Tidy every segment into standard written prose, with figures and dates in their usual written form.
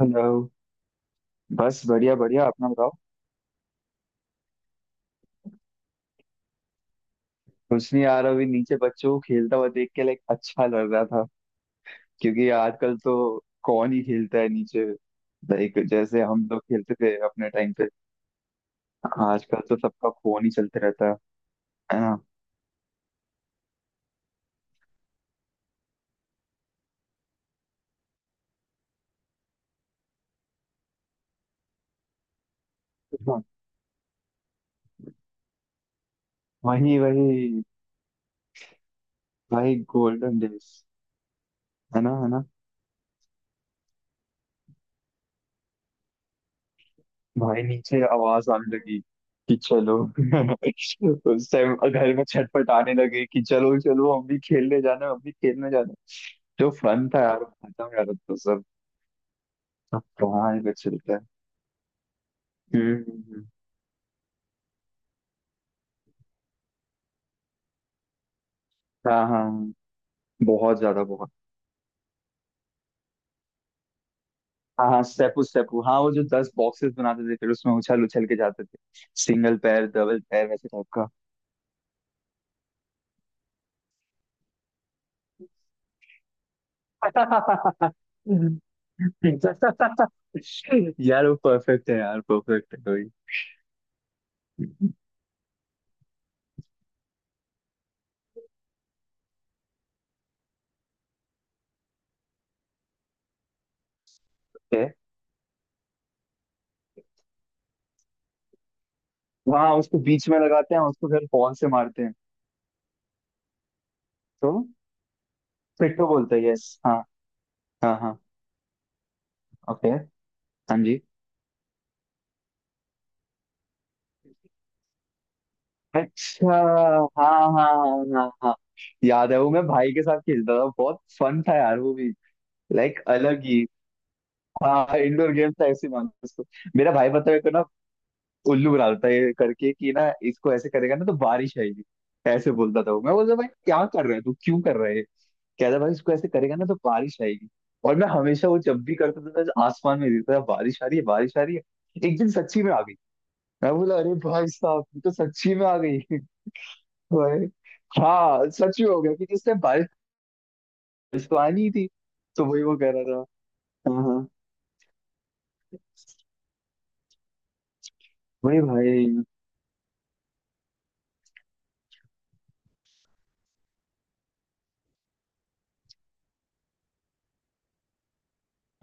Hello. बस बढ़िया बढ़िया, अपना बताओ। कुछ नहीं यार, अभी नीचे बच्चों को खेलता हुआ देख के लाइक अच्छा लग रहा था। क्योंकि आजकल तो कौन ही खेलता है नीचे। लाइक जैसे हम लोग खेलते थे अपने टाइम पे। आजकल तो सबका फोन ही चलते रहता है ना। हाँ, वही वही। भाई गोल्डन डेज। है ना, है ना। भाई नीचे आवाज आने लगी कि चलो उस टाइम घर में छटपट आने लगे कि चलो चलो हम भी खेलने जाना है, हम भी खेलने जाना है। जो फन था यार वो खत्म। यार अब तो सब, अब कहाँ ही बच चलता है। हम्म हम्म, हम्म। हाँ हाँ हाँ। बहुत ज्यादा बहुत। हाँ हाँ, स्टेपू स्टेपू, हाँ वो जो 10 बॉक्सेस बनाते थे फिर उसमें उछल उछल के जाते थे। सिंगल पैर डबल पैर वैसे टाइप का। यार वो परफेक्ट है यार, परफेक्ट है। वही। हाँ उसको बीच में लगाते हैं, उसको फिर बॉल से मारते हैं। तो पिट्ठू बोलते हैं, यस हाँ। हाँ हाँ। ओके। हाँ जी। अच्छा। हाँ हाँ हाँ हाँ हाँ। याद है वो, मैं भाई के साथ खेलता था। बहुत फन था यार वो भी। लाइक अलग ही। हाँ इंडोर गेम था, ऐसे मान लो उसको। मेरा भाई पता है को ना, उल्लू बना देता है ये करके कि ना इसको ऐसे करेगा ना तो बारिश आएगी। ऐसे बोलता था वो। मैं बोलता भाई क्या कर रहा है तू, क्यों कर रहा है। कहता भाई इसको ऐसे करेगा ना तो बारिश आएगी। और मैं हमेशा वो जब भी करता था तो आसमान में देखता था, बारिश आ रही है बारिश आ रही है। एक दिन सच्ची में आ गई। मैं बोला अरे भाई साहब, ये तो सच्ची में आ गई भाई। हाँ सच में हो गया क्योंकि उस टाइम बारिश, बारिश तो आनी ही थी। तो वही वो कह रहा था। हाँ हाँ। वही भाई।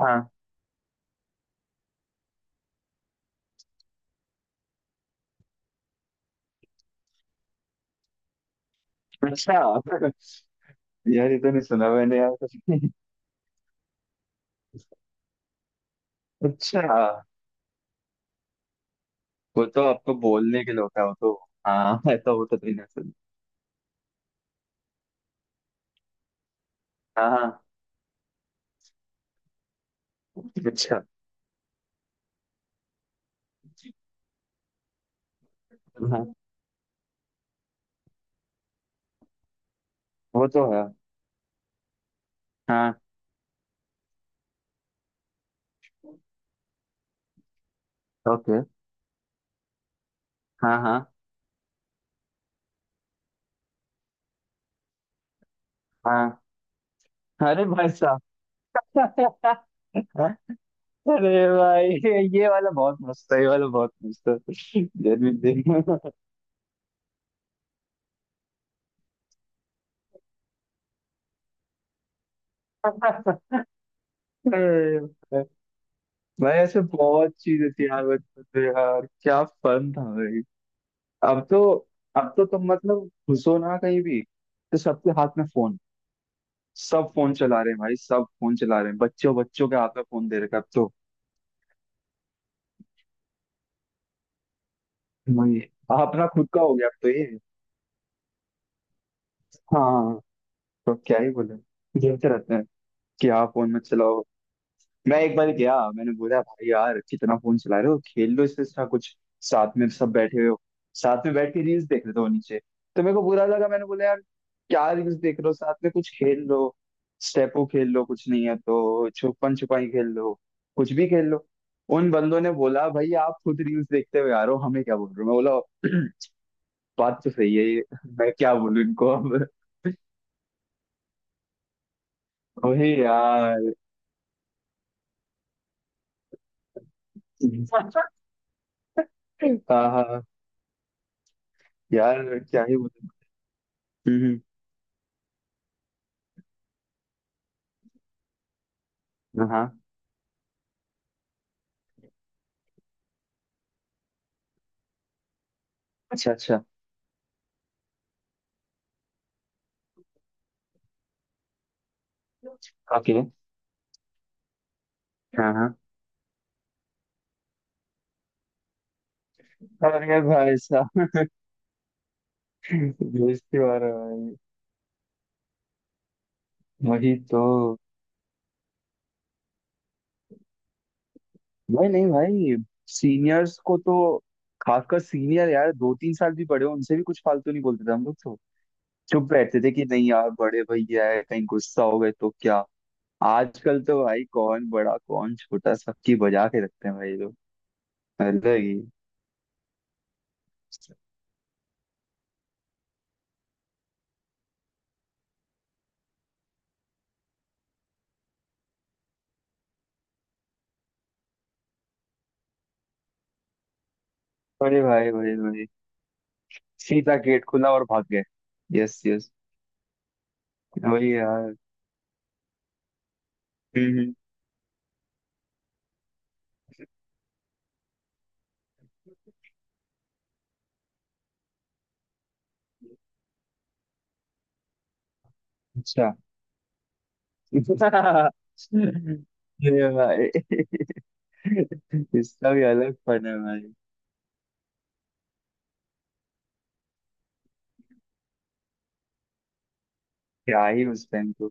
हाँ। अच्छा यार ये तो नहीं सुना मैंने यार कुछ। अच्छा। वो तो आपको बोलने के लिए होता है वो तो। हाँ ऐसा होता तो नहीं ना सुन। हाँ हाँ। अच्छा। हाँ वो तो है। हाँ। ओके। हाँ हाँ हाँ। अरे भाई साहब। अरे भाई, ये वाला बहुत मस्त है, ये वाला बहुत मस्त है। जन्मदिन दिन। भाई ऐसे बहुत चीज थी यार बचपन में, यार क्या फन था भाई। अब तो, अब तो तुम मतलब घुसो ना कहीं भी तो सबके हाथ में फोन। सब फोन चला रहे हैं भाई, सब फोन चला रहे हैं। बच्चों बच्चों के हाथ में फोन दे रखा है अब तो। भाई अपना खुद का हो गया अब तो ये। हाँ। तो क्या ही बोले। खेलते रहते हैं कि आप फोन मत चलाओ। मैं एक बार गया, मैंने बोला भाई यार कितना फोन चला रहे हो, खेल लो इससे अच्छा कुछ। साथ में सब बैठे हो, साथ में बैठ के रील्स देख रहे थे वो नीचे। तो मेरे को बुरा लगा, मैंने बोला यार क्या रील्स देख रहे हो, साथ में कुछ खेल लो। स्टेपो खेल लो, कुछ नहीं है तो छुपन छुपाई खेल लो। कुछ भी खेल लो। उन बंदों ने बोला भाई आप खुद रील्स देखते हो यार, हो हमें क्या बोल रहे हो। मैं बोला बात तो सही है ये। मैं क्या बोलूं इनको अब। वही यार। हाँ हाँ। यार क्या ही बोलूं। हम्म हाँ। अच्छा अच्छा। ओके। हाँ हाँ। अरे भाई साहब, बेइज्जती हो रहा है भाई। वही तो। भाई नहीं भाई, सीनियर्स को तो, खासकर सीनियर, यार 2-3 साल भी बड़े हो उनसे भी कुछ फालतू नहीं बोलते थे हम लोग तो। चुप रहते थे कि नहीं यार बड़े भैया है, कहीं गुस्सा हो गए तो क्या। आजकल तो भाई कौन बड़ा कौन छोटा, सबकी बजा के रखते हैं भाई लोग। अलग ही। अरे भाई भाई भाई, सीधा गेट खुला और भाग गए। Yes yes. वही यार। हम्म हम्म, अच्छा। ये भाई इसका भी अलग फन है भाई। क्या ही उस टाइम तो।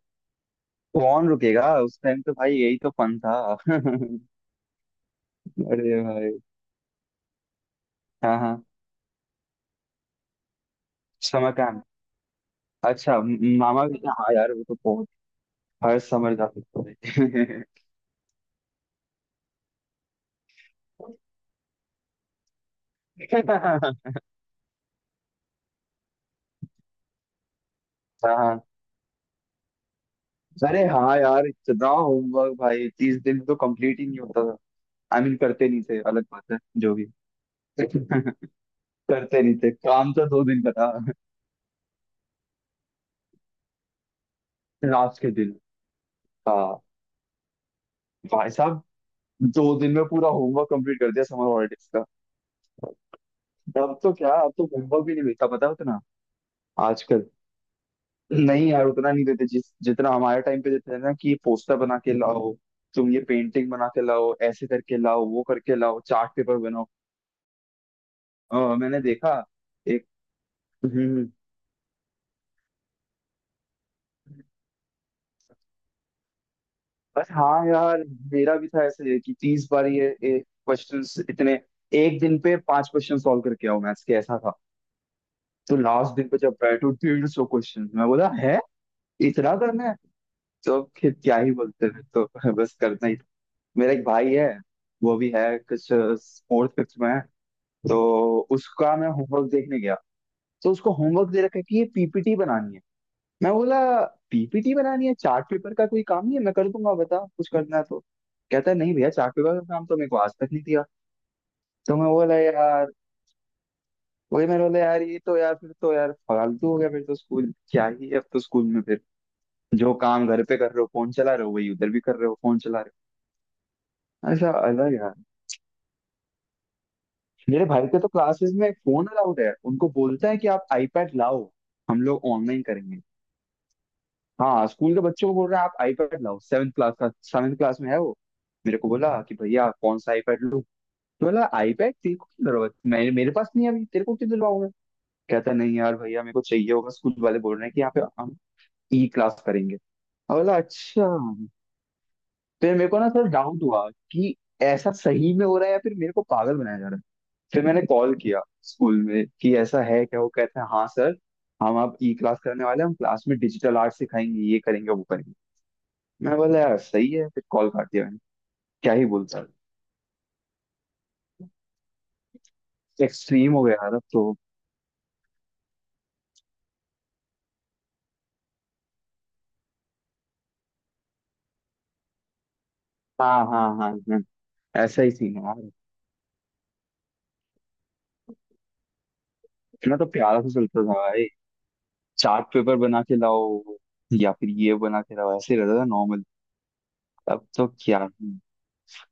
तो कौन रुकेगा उस टाइम तो भाई, यही तो फन था अरे भाई। हाँ हाँ। Summer camp. अच्छा, मामा भी, हाँ यार वो तो बहुत। हर समर जा सकते हैं। हाँ हाँ। अरे हाँ यार इतना होमवर्क भाई, 30 दिन तो कंप्लीट ही नहीं होता। आई मीन करते नहीं थे, अलग बात है, जो भी। करते नहीं थे, काम तो 2 दिन का था। लास्ट के दिन। हाँ। भाई साहब, 2 दिन में पूरा होमवर्क कंप्लीट कर दिया समर हॉलीडेज का। अब तो क्या, अब तो होमवर्क भी नहीं मिलता पता है उतना। आजकल नहीं यार उतना नहीं देते जिस जितना हमारे टाइम पे देते थे ना, कि पोस्टर बना के लाओ, तुम ये पेंटिंग बना के लाओ, ऐसे करके लाओ वो करके लाओ, चार्ट पेपर बनाओ। मैंने देखा एक। हम्म। बस हाँ यार, मेरा भी था ऐसे कि 30 बार ये क्वेश्चंस इतने। एक दिन पे 5 क्वेश्चन सॉल्व करके आओ मैथ्स के, ऐसा था। तो लास्ट दिन पे जब बैठो तो 150 क्वेश्चन मैं बोला है, इतना करना है। तो अब फिर क्या ही बोलते हैं, तो बस करना ही। मेरा एक भाई है, वो भी है कुछ फोर्थ फिफ्थ में है। तो उसका मैं होमवर्क देखने गया। तो उसको होमवर्क दे रखा है कि ये PPT बनानी है। मैं बोला PPT बनानी है, चार्ट पेपर का कोई काम नहीं है, मैं कर दूंगा बता कुछ करना है तो। कहता है नहीं भैया, चार्ट पेपर का काम तो मेरे को आज तक नहीं दिया। तो मैं बोला यार, वही मैं बोला यार ये तो यार, फिर तो यार फालतू हो गया, फिर तो स्कूल क्या ही है। अब तो स्कूल में फिर जो काम घर पे कर रहे हो, फोन चला रहे हो, वही उधर भी कर रहे हो, फोन चला रहे हो। ऐसा अलग यार। मेरे भाई के तो क्लासेस में फोन अलाउड है, उनको बोलता है कि आप आईपैड लाओ, हम लोग ऑनलाइन करेंगे। हाँ स्कूल के बच्चों को बोल रहा है आप आईपैड लाओ, 7 क्लास का, 7 क्लास में है वो। मेरे को बोला कि भैया कौन सा आईपैड लूँ। तो बोला आईपैड तेरे को क्या जरूरत, मेरे मेरे पास नहीं है अभी, तेरे को क्यों दिलवाऊं मैं। कहता नहीं यार भैया मेरे को चाहिए होगा, स्कूल वाले बोल रहे हैं कि यहाँ पे हम ई क्लास करेंगे। और बोला अच्छा। फिर मेरे को ना सर डाउट हुआ कि ऐसा सही में हो रहा है या फिर मेरे को पागल बनाया जा रहा है। फिर मैंने कॉल किया स्कूल में कि ऐसा है क्या, वो कहते हैं हाँ सर, हम आप ई क्लास करने वाले हैं, हम क्लास में डिजिटल आर्ट सिखाएंगे, ये करेंगे वो करेंगे। मैं बोला यार सही है, फिर कॉल काट दिया मैंने। क्या ही बोलता। एक्सट्रीम हो गया यार अब तो। हाँ हाँ हाँ हाँ, ऐसा ही सीन है यार। इतना तो प्यारा से चलता था भाई, चार्ट पेपर बना के लाओ या फिर ये बना के लाओ, ऐसे ही रहता था नॉर्मल। अब तो क्या ही।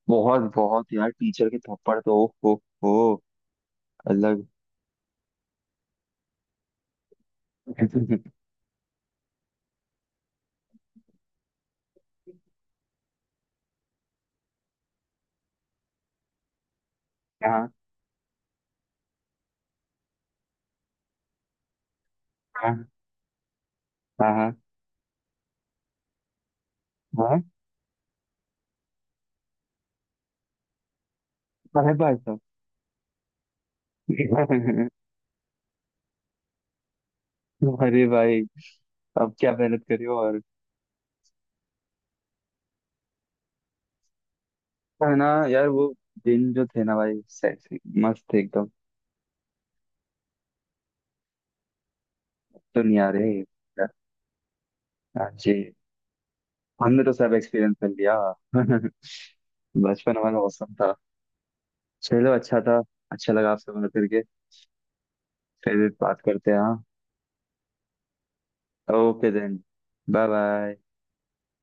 बहुत बहुत यार टीचर के थप्पड़ तो ओ हो हो। अलग। हाँ हाँ हाँ हाँ हाँ, अरे भाई साहब। अरे भाई, अब क्या मेहनत करे और। है ना यार वो दिन जो थे ना भाई, मस्त थे एकदम। दुनिया रे। हाँ जी। हमने तो सब एक्सपीरियंस कर लिया। बचपन हमारा औसम था। चलो अच्छा था। अच्छा लगा आपसे बात करके। फिर बात करते हैं हाँ। Okay then. Bye bye.